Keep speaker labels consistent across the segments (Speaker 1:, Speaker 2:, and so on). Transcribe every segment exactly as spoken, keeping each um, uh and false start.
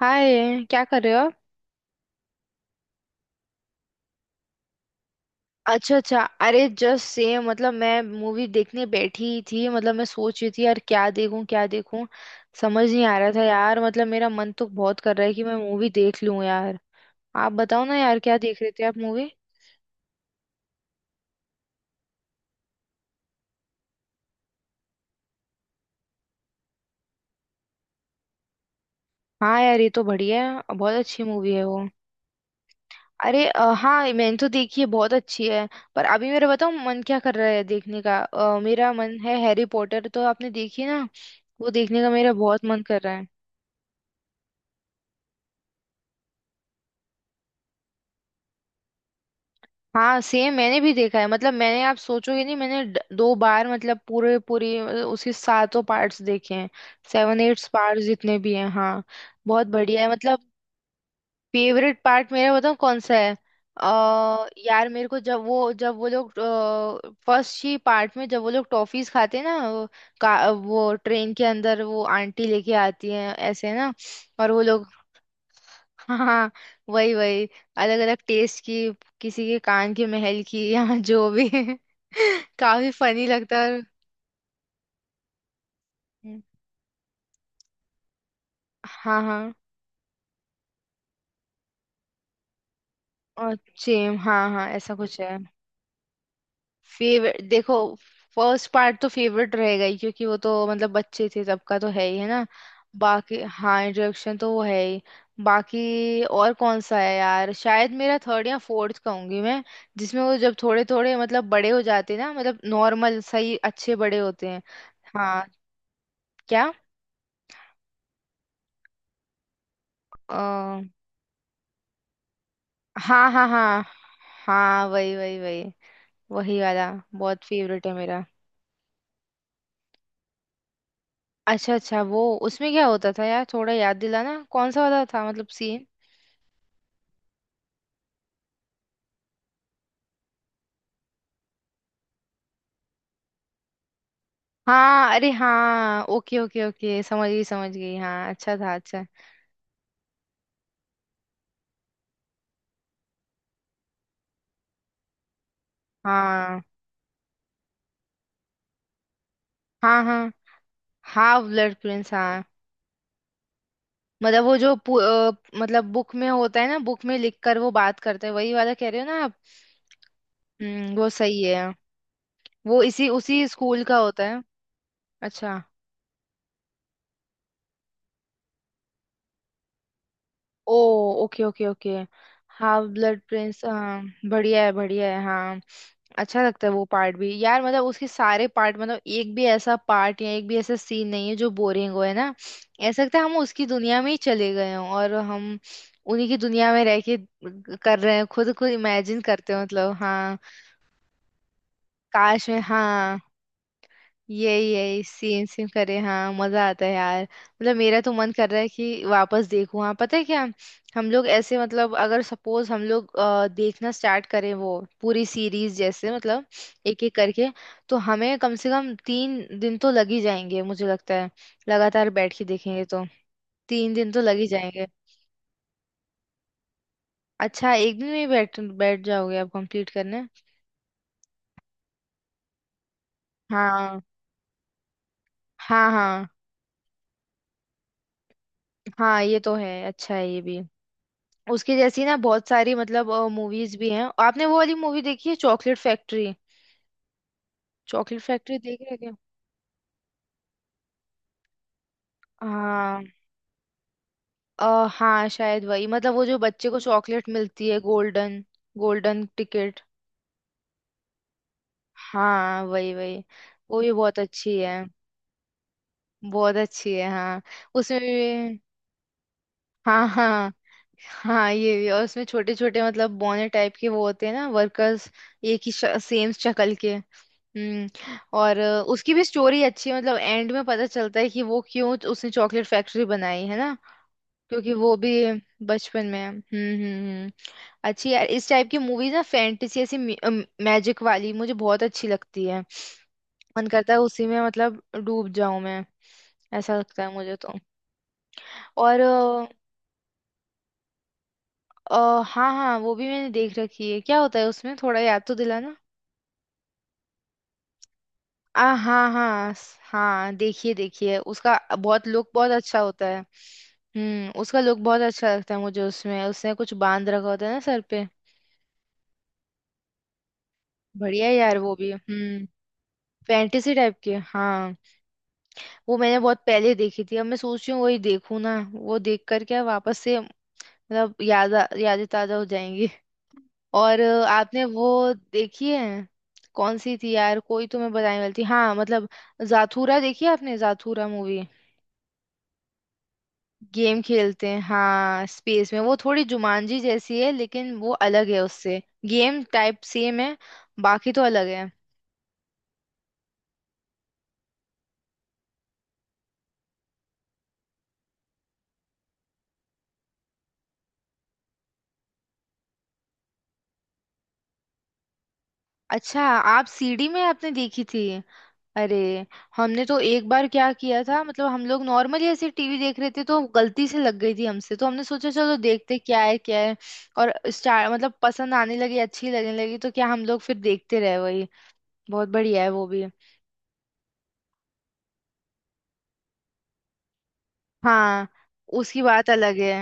Speaker 1: हाय, क्या कर रहे हो आप? अच्छा अच्छा। अरे जस्ट सेम, मतलब मैं मूवी देखने बैठी ही थी, मतलब मैं सोच रही थी यार क्या देखूं क्या देखूं। समझ नहीं आ रहा था यार, मतलब मेरा मन तो बहुत कर रहा है कि मैं मूवी देख लूं यार। आप बताओ ना यार, क्या देख रहे थे आप मूवी? हाँ यार, ये तो बढ़िया है, बहुत अच्छी मूवी है वो। अरे अ, हाँ मैंने तो देखी है, बहुत अच्छी है। पर अभी मेरा बताओ मन क्या कर रहा है देखने का, अ, मेरा मन है हैरी पॉटर, तो आपने देखी ना। वो देखने का मेरा बहुत मन कर रहा है। हाँ सेम, मैंने भी देखा है, मतलब मैंने आप सोचोगे नहीं, मैंने ड- दो बार मतलब पूरे पूरी मतलब उसके सातों पार्ट्स देखे हैं। सेवन एट्स पार्ट्स जितने भी हैं हाँ। बहुत बढ़िया है मतलब। फेवरेट पार्ट मेरा बताऊँ कौन सा है। अ यार मेरे को जब वो जब वो लोग फर्स्ट ही पार्ट में जब वो लोग टॉफीज खाते हैं ना वो, का, वो ट्रेन के अंदर वो आंटी लेके आती है ऐसे ना। और वो लोग हाँ हाँ, वही वही अलग अलग टेस्ट की, किसी के कान की, महल की या जो भी काफी फनी लगता है। हम्म, हाँ हाँ और सेम हाँ हाँ, ऐसा कुछ है। फेवरेट देखो, फर्स्ट पार्ट तो फेवरेट रहेगा ही, क्योंकि वो तो मतलब बच्चे थे तब का तो है ही, है ना। बाकी हाँ, इंट्रोडक्शन तो वो है ही। बाकी और कौन सा है यार, शायद मेरा थर्ड या फोर्थ कहूंगी मैं। जिसमें वो जब थोड़े थोड़े मतलब बड़े हो जाते हैं ना, मतलब नॉर्मल सही अच्छे बड़े होते हैं। हाँ, क्या? अ, हाँ हाँ हाँ। हाँ वही वही वही, वही वाला। बहुत फेवरेट है मेरा। अच्छा अच्छा वो, उसमें क्या होता था यार, थोड़ा याद दिलाना कौन सा वाला था मतलब सीन। हाँ अरे हाँ, ओके ओके ओके, समझ गई समझ गई, हाँ अच्छा था अच्छा। हाँ हाँ। हाँ हाँ, ब्लड प्रिंस हाँ। मतलब वो जो पु- अ, मतलब बुक में होता है ना, बुक में लिख कर वो बात करते हैं, वही वाला कह रहे हो ना आप। हम्म, वो सही है। वो इसी उसी स्कूल का होता है। अच्छा। ओ okay okay okay. Half Blood Prince हाँ। बढ़िया है बढ़िया है हाँ। अच्छा लगता है वो पार्ट भी यार, मतलब उसके सारे पार्ट, मतलब एक भी ऐसा पार्ट या एक भी ऐसा सीन नहीं है जो बोरिंग हो, है ना। ऐसा लगता है हम उसकी दुनिया में ही चले गए हों, और हम उन्हीं की दुनिया में रह के कर रहे हैं, खुद को इमेजिन करते हैं मतलब हाँ। काश में हाँ, यही यही सेम सेम करे हाँ। मजा आता है यार, मतलब मेरा तो मन कर रहा है कि वापस देखूं। हाँ पता है क्या, हम लोग ऐसे मतलब अगर सपोज हम लोग अ, देखना स्टार्ट करें वो पूरी सीरीज जैसे मतलब एक एक करके, तो हमें कम से कम तीन दिन तो लग ही जाएंगे मुझे लगता है। लगातार बैठ के देखेंगे तो तीन दिन तो लग ही जाएंगे। अच्छा एक दिन में ही बैठ बैठ जाओगे आप कंप्लीट करने। हाँ हाँ हाँ। हाँ ये तो है, अच्छा है ये भी। उसकी जैसी ना बहुत सारी मतलब मूवीज भी हैं, आपने वो वाली मूवी देखी है चॉकलेट फैक्ट्री? चॉकलेट फैक्ट्री देख रहे क्या? हाँ अ, हाँ शायद वही, मतलब वो जो बच्चे को चॉकलेट मिलती है गोल्डन, गोल्डन टिकट। हाँ वही वही। वो भी बहुत अच्छी है, बहुत अच्छी है हाँ। उसमें भी हाँ हाँ। हाँ ये भी, और उसमें छोटे छोटे मतलब बौने टाइप के वो होते हैं ना, वर्कर्स, एक ही सेम शक्ल के। हम्म। और अ, उसकी भी स्टोरी अच्छी है, मतलब एंड में पता चलता है कि वो क्यों उसने चॉकलेट फैक्ट्री बनाई है ना, क्योंकि वो भी बचपन में। हम्म हम्म। हम्म। अच्छी यार इस टाइप की मूवीज ना, फैंटेसी ऐसी मैजिक वाली मुझे बहुत अच्छी लगती है। मन करता है उसी में मतलब डूब जाऊं मैं, ऐसा लगता है मुझे तो। और अ, अ, हाँ हाँ वो भी मैंने देख रखी है, क्या होता है उसमें थोड़ा याद तो दिलाना। आ हाँ हाँ स- हाँ देखिए देखिए, उसका बहुत लुक बहुत अच्छा होता है। हम्म उसका लुक बहुत अच्छा लगता है मुझे, उसमें उसने कुछ बांध रखा होता है ना सर पे। बढ़िया है यार वो भी हम्म, फैंटेसी टाइप की हाँ। वो मैंने बहुत पहले देखी थी, अब मैं सोच रही हूँ वही देखूँ ना, वो देख कर क्या वापस से मतलब याद आ- यादें ताजा हो जाएंगी। और अ, आपने वो देखी है, कौन सी थी यार, कोई तो मैं बताने वाली थी हाँ मतलब। जाथूरा देखी है आपने, जाथूरा मूवी? गेम खेलते हैं हाँ स्पेस में, वो थोड़ी जुमांजी जैसी है लेकिन वो अलग है उससे, गेम टाइप सेम है बाकी तो अलग है। अच्छा, आप सीडी में आपने देखी थी? अरे हमने तो एक बार क्या किया था, मतलब हम लोग नॉर्मली ऐसे टीवी देख रहे थे तो गलती से लग गई थी हमसे, तो हमने सोचा चलो देखते क्या है क्या है। और स्टार मतलब पसंद आने लगी, अच्छी लगने लगी, तो क्या हम लोग फिर देखते रहे वही। बहुत बढ़िया है वो भी। हाँ उसकी बात अलग है।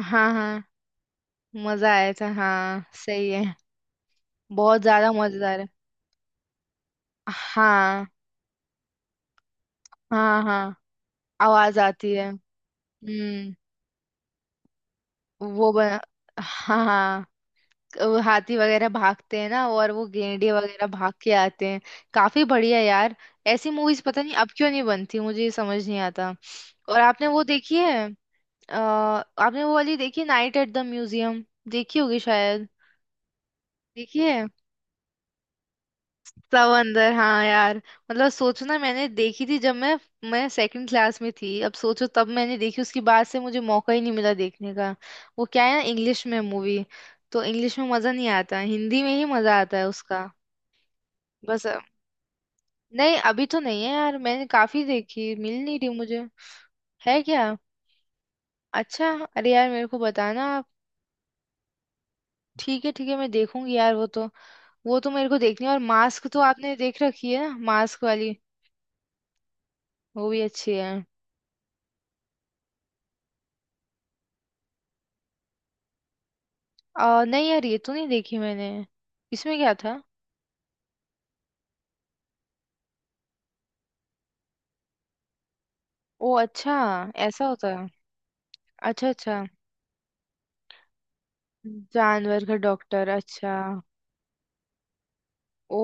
Speaker 1: हाँ हाँ मजा आया था, हाँ सही है। बहुत ज्यादा मजेदार है। हाँ हाँ हाँ आवाज आती है। हम्म वो बना, हाँ हाँ वो हाथी वगैरह भागते हैं ना, और वो गेंडे वगैरह भाग के आते हैं। काफी बढ़िया यार। ऐसी मूवीज पता नहीं अब क्यों नहीं बनती, मुझे ये समझ नहीं आता। और आपने वो देखी है, अ, आपने वो वाली देखी नाइट एट द म्यूजियम, देखी होगी शायद? देखिए समंदर हाँ यार। मतलब सोचो ना, मैंने देखी थी जब मैं मैं सेकंड क्लास में थी, अब सोचो तब मैंने देखी, उसके बाद से मुझे मौका ही नहीं मिला देखने का। वो क्या है ना, इंग्लिश में मूवी, तो इंग्लिश में मजा नहीं आता, हिंदी में ही मजा आता है उसका। बस अ, नहीं अभी तो नहीं है यार, मैंने काफी देखी, मिल नहीं रही मुझे। है क्या? अच्छा। अरे यार मेरे को बताना आप। ठीक है ठीक है मैं देखूंगी यार वो तो। वो तो मेरे को देखनी है। और मास्क तो आपने देख रखी है ना, मास्क वाली? वो भी अच्छी है। आ, नहीं यार ये तो नहीं देखी मैंने, इसमें क्या था? ओ अच्छा। जानवर। ऐसा होता है? अच्छा अच्छा। जानवर का डॉक्टर, अच्छा। ओ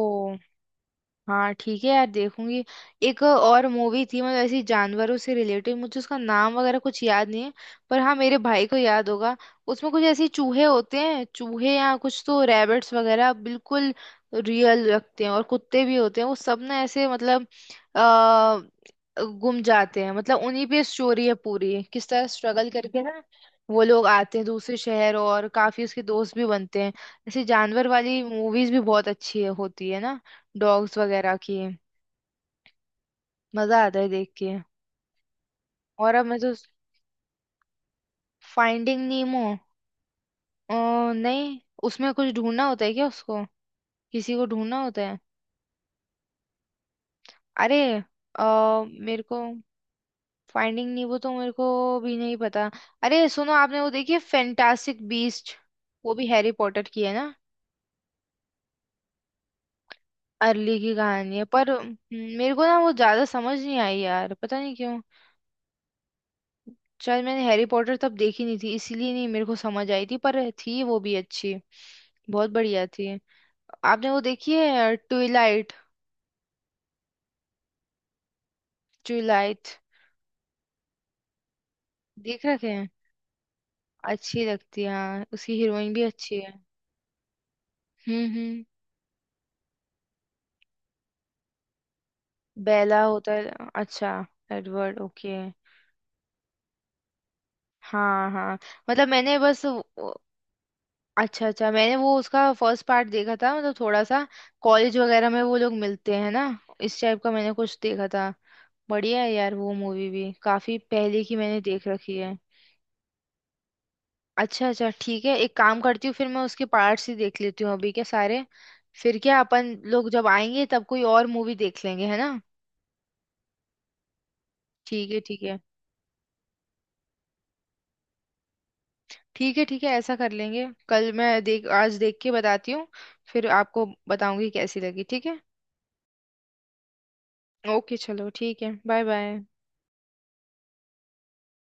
Speaker 1: हाँ ठीक है यार देखूंगी। एक और मूवी थी मतलब ऐसी जानवरों से रिलेटेड, मुझे उसका नाम वगैरह कुछ याद नहीं है, पर हाँ मेरे भाई को याद होगा। उसमें कुछ ऐसे चूहे होते हैं, चूहे या कुछ तो रैबिट्स वगैरह, बिल्कुल रियल लगते हैं, और कुत्ते भी होते हैं वो सब ना, ऐसे मतलब आ, गुम जाते हैं, मतलब उन्हीं पे स्टोरी है पूरी, किस तरह स्ट्रगल करके ना वो लोग आते हैं दूसरे शहर, और काफी उसके दोस्त भी बनते हैं। ऐसे जानवर वाली मूवीज भी बहुत अच्छी है, होती है ना, डॉग्स वगैरह की, मजा आता है देख के। और अब मैं तो, फाइंडिंग नीमो अ, नहीं, उसमें कुछ ढूंढना होता है क्या, उसको किसी को ढूंढना होता है? अरे अ, मेरे को, फाइंडिंग नीमो तो मेरे को भी नहीं पता। अरे सुनो, आपने वो देखी है फैंटास्टिक बीस्ट? वो भी हैरी पॉटर की है ना। अर्ली की कहानी है पर हम्म, मेरे को ना वो ज्यादा समझ नहीं आई यार, पता नहीं क्यों, शायद मैंने हैरी पॉटर तब देखी नहीं थी, इसीलिए नहीं मेरे को समझ आई थी, पर थी वो भी अच्छी। बहुत बढ़िया थी। आपने वो देखी है ट्विलाइट? ट्विलाइट। देख रखे हैं, अच्छी लगती है हाँ, उसकी हीरोइन भी अच्छी है। हम्म हम्म। बेला होता है, अच्छा, एडवर्ड ओके। हाँ हाँ। मतलब मैंने बस वो-, अच्छा अच्छा मैंने वो उसका फर्स्ट पार्ट देखा था, मतलब थोड़ा सा कॉलेज वगैरह में वो लोग मिलते हैं ना, इस टाइप का मैंने कुछ देखा था। बढ़िया है यार वो मूवी भी, काफी पहले की मैंने देख रखी है। अच्छा अच्छा ठीक है, एक काम करती हूँ, फिर मैं उसके पार्ट्स ही देख लेती हूँ अभी के सारे। फिर क्या अपन लोग जब आएंगे तब कोई और मूवी देख लेंगे, है ना। ठीक है ठीक है। ठीक है ठीक है, ऐसा कर लेंगे, कल मैं देख, आज देख के बताती हूँ। फिर आपको बताऊंगी कैसी लगी, ठीक है। ओके चलो ठीक है, बाय बाय।